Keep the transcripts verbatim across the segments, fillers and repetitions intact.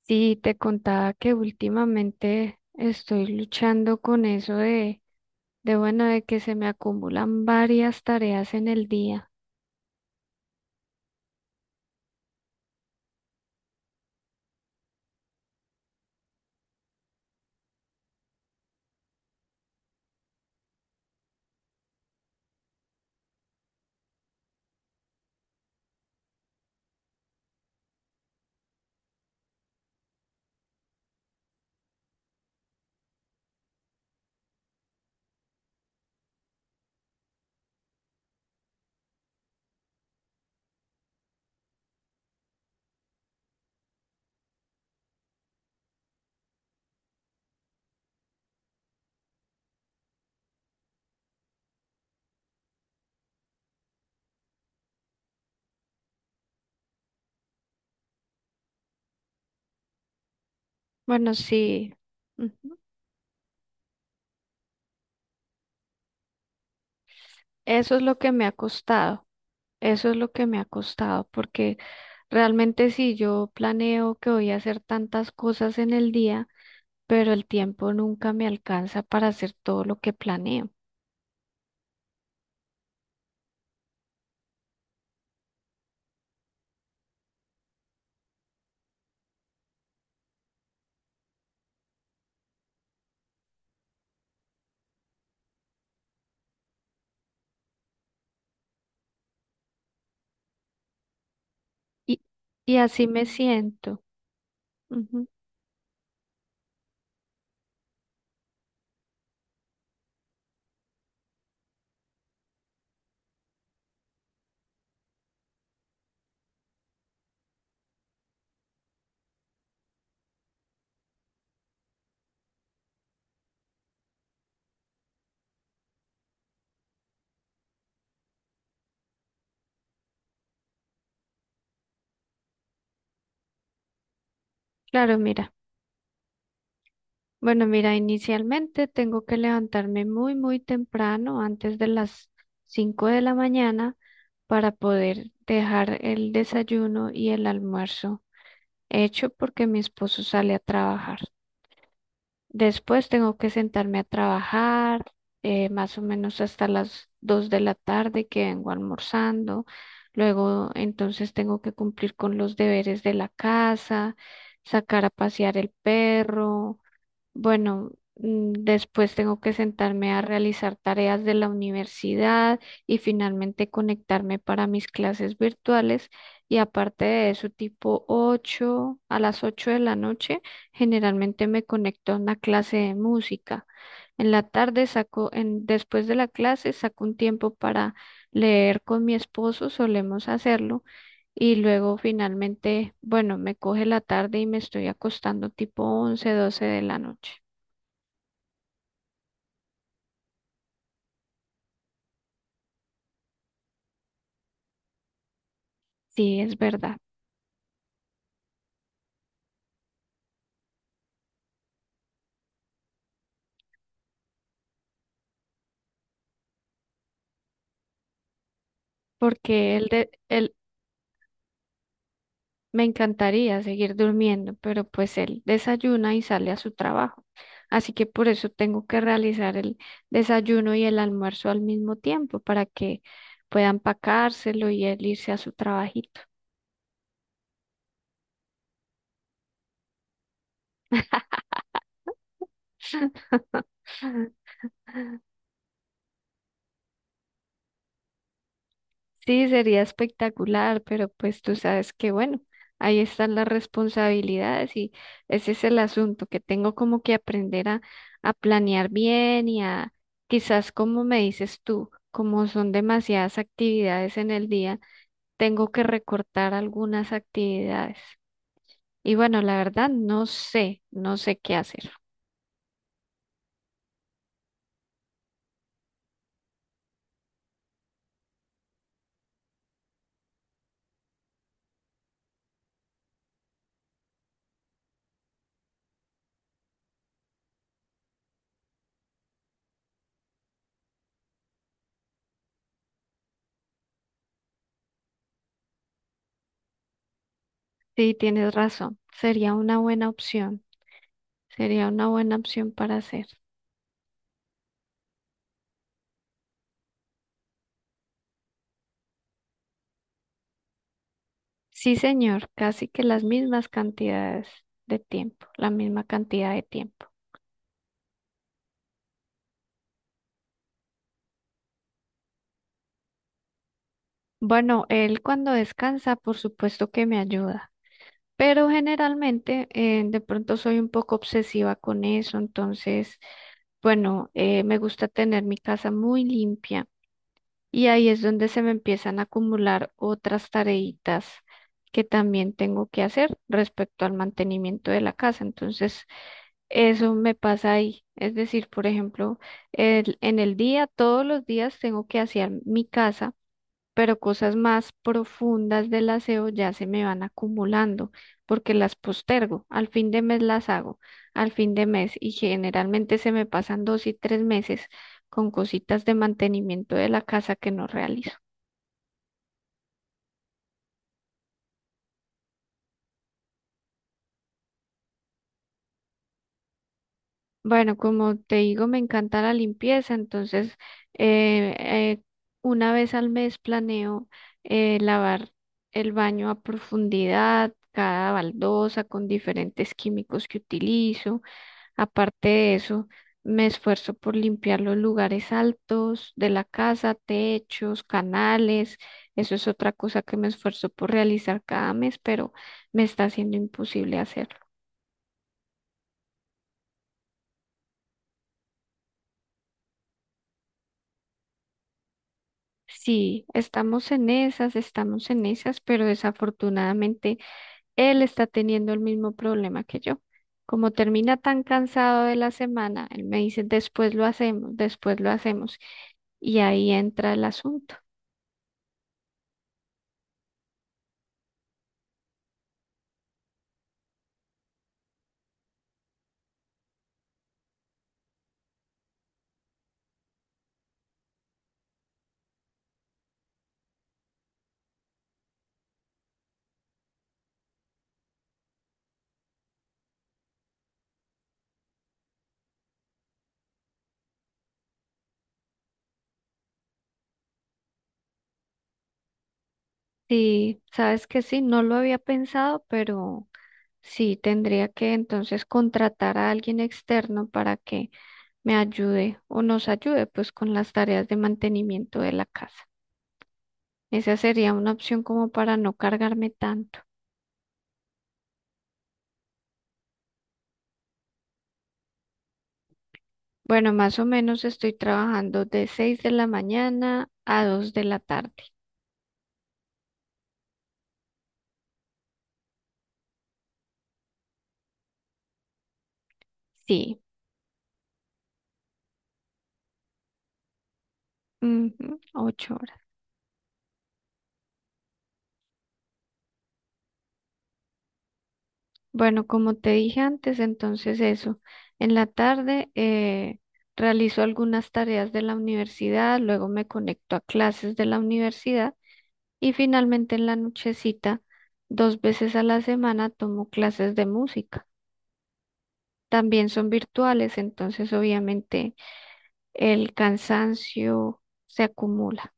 Sí, te contaba que últimamente estoy luchando con eso de, de bueno, de que se me acumulan varias tareas en el día. Bueno, sí, ujú, eso es lo que me ha costado, eso es lo que me ha costado, porque realmente si yo planeo que voy a hacer tantas cosas en el día, pero el tiempo nunca me alcanza para hacer todo lo que planeo. Y, y así me siento. Ujú. Claro, mira. Bueno, mira, inicialmente tengo que levantarme muy, muy temprano, antes de las cinco de la mañana, para poder dejar el desayuno y el almuerzo hecho porque mi esposo sale a trabajar. Después tengo que sentarme a trabajar, eh, más o menos hasta las dos de la tarde que vengo almorzando. Luego, entonces, tengo que cumplir con los deberes de la casa, sacar a pasear el perro bueno, mm, después tengo que sentarme a realizar tareas de la universidad y finalmente conectarme para mis clases virtuales. Y aparte de eso, tipo ocho, a las ocho de la noche, generalmente me conecto a una clase de música. En la tarde saco, en, después de la clase, saco un tiempo para leer con mi esposo, solemos hacerlo. Y luego finalmente, bueno, me coge la tarde y me estoy acostando tipo once, doce de la noche. Sí, es verdad, porque él, de- él me encantaría seguir durmiendo, pero pues él desayuna y sale a su trabajo. Así que por eso tengo que realizar el desayuno y el almuerzo al mismo tiempo para que pueda empacárselo y él irse a su trabajito. Sí, sería espectacular, pero pues tú sabes que bueno, ahí están las responsabilidades y ese es el asunto, que tengo como que aprender a, a planear bien y a quizás como me dices tú, como son demasiadas actividades en el día, tengo que recortar algunas actividades. Y bueno, la verdad no sé, no sé qué hacer. Sí, tienes razón, sería una buena opción, sería una buena opción para hacer. Sí, señor, casi que las mismas cantidades de tiempo, la misma cantidad de tiempo. Bueno, él cuando descansa, por supuesto que me ayuda, pero generalmente eh, de pronto soy un poco obsesiva con eso, entonces, bueno, eh, me gusta tener mi casa muy limpia y ahí es donde se me empiezan a acumular otras tareitas que también tengo que hacer respecto al mantenimiento de la casa. Entonces, Eso me pasa ahí. Es decir, por ejemplo, el- en el día, todos los días tengo que hacer mi casa, pero cosas más profundas del aseo ya se me van acumulando porque las postergo. Al fin de mes las hago, al fin de mes y generalmente se me pasan dos y tres meses con cositas de mantenimiento de la casa que no realizo. Bueno, como te digo, me encanta la limpieza, entonces eh, eh, una vez al mes planeo eh, lavar el baño a profundidad, cada baldosa con diferentes químicos que utilizo. Aparte de eso, me esfuerzo por limpiar los lugares altos de la casa, techos, canales. Eso es otra cosa que me esfuerzo por realizar cada mes, pero me está siendo imposible hacerlo. Sí, estamos en esas, estamos en esas, pero desafortunadamente él está teniendo el mismo problema que yo. Como termina tan cansado de la semana, él me dice, después lo hacemos, después lo hacemos. Y ahí entra el asunto. Sí, sabes que sí, no lo había pensado, pero sí tendría que entonces contratar a alguien externo para que me ayude o nos ayude pues con las tareas de mantenimiento de la casa. Esa sería una opción como para no cargarme tanto. Bueno, más o menos estoy trabajando de seis de la mañana a dos de la tarde. Sí, ujú, ocho horas. Bueno, como te dije antes, entonces eso. En la tarde eh, realizo algunas tareas de la universidad, luego me conecto a clases de la universidad y finalmente en la nochecita, dos veces a la semana, tomo clases de música. También son virtuales, entonces obviamente el cansancio se acumula.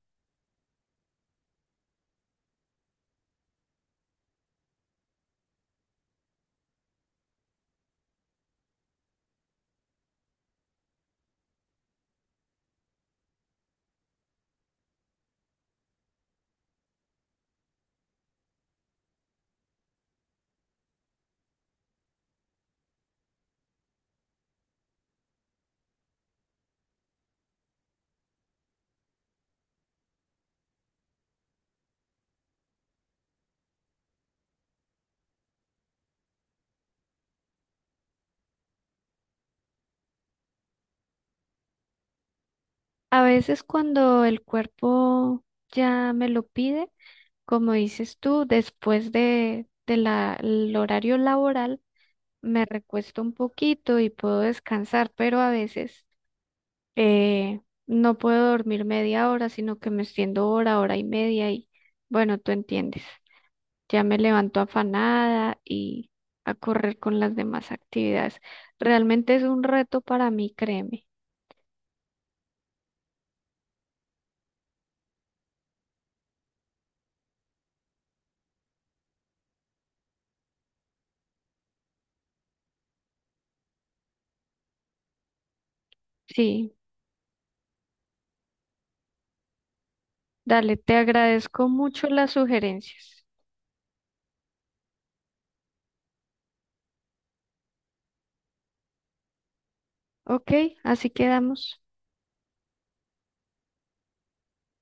A veces cuando el cuerpo ya me lo pide, como dices tú, después de, de la, el horario laboral, me recuesto un poquito y puedo descansar, pero a veces eh, no puedo dormir media hora, sino que me extiendo hora, hora y media y bueno, tú entiendes. Ya me levanto afanada y a correr con las demás actividades. Realmente es un reto para mí, créeme. Sí, dale, te agradezco mucho las sugerencias. Ok, así quedamos.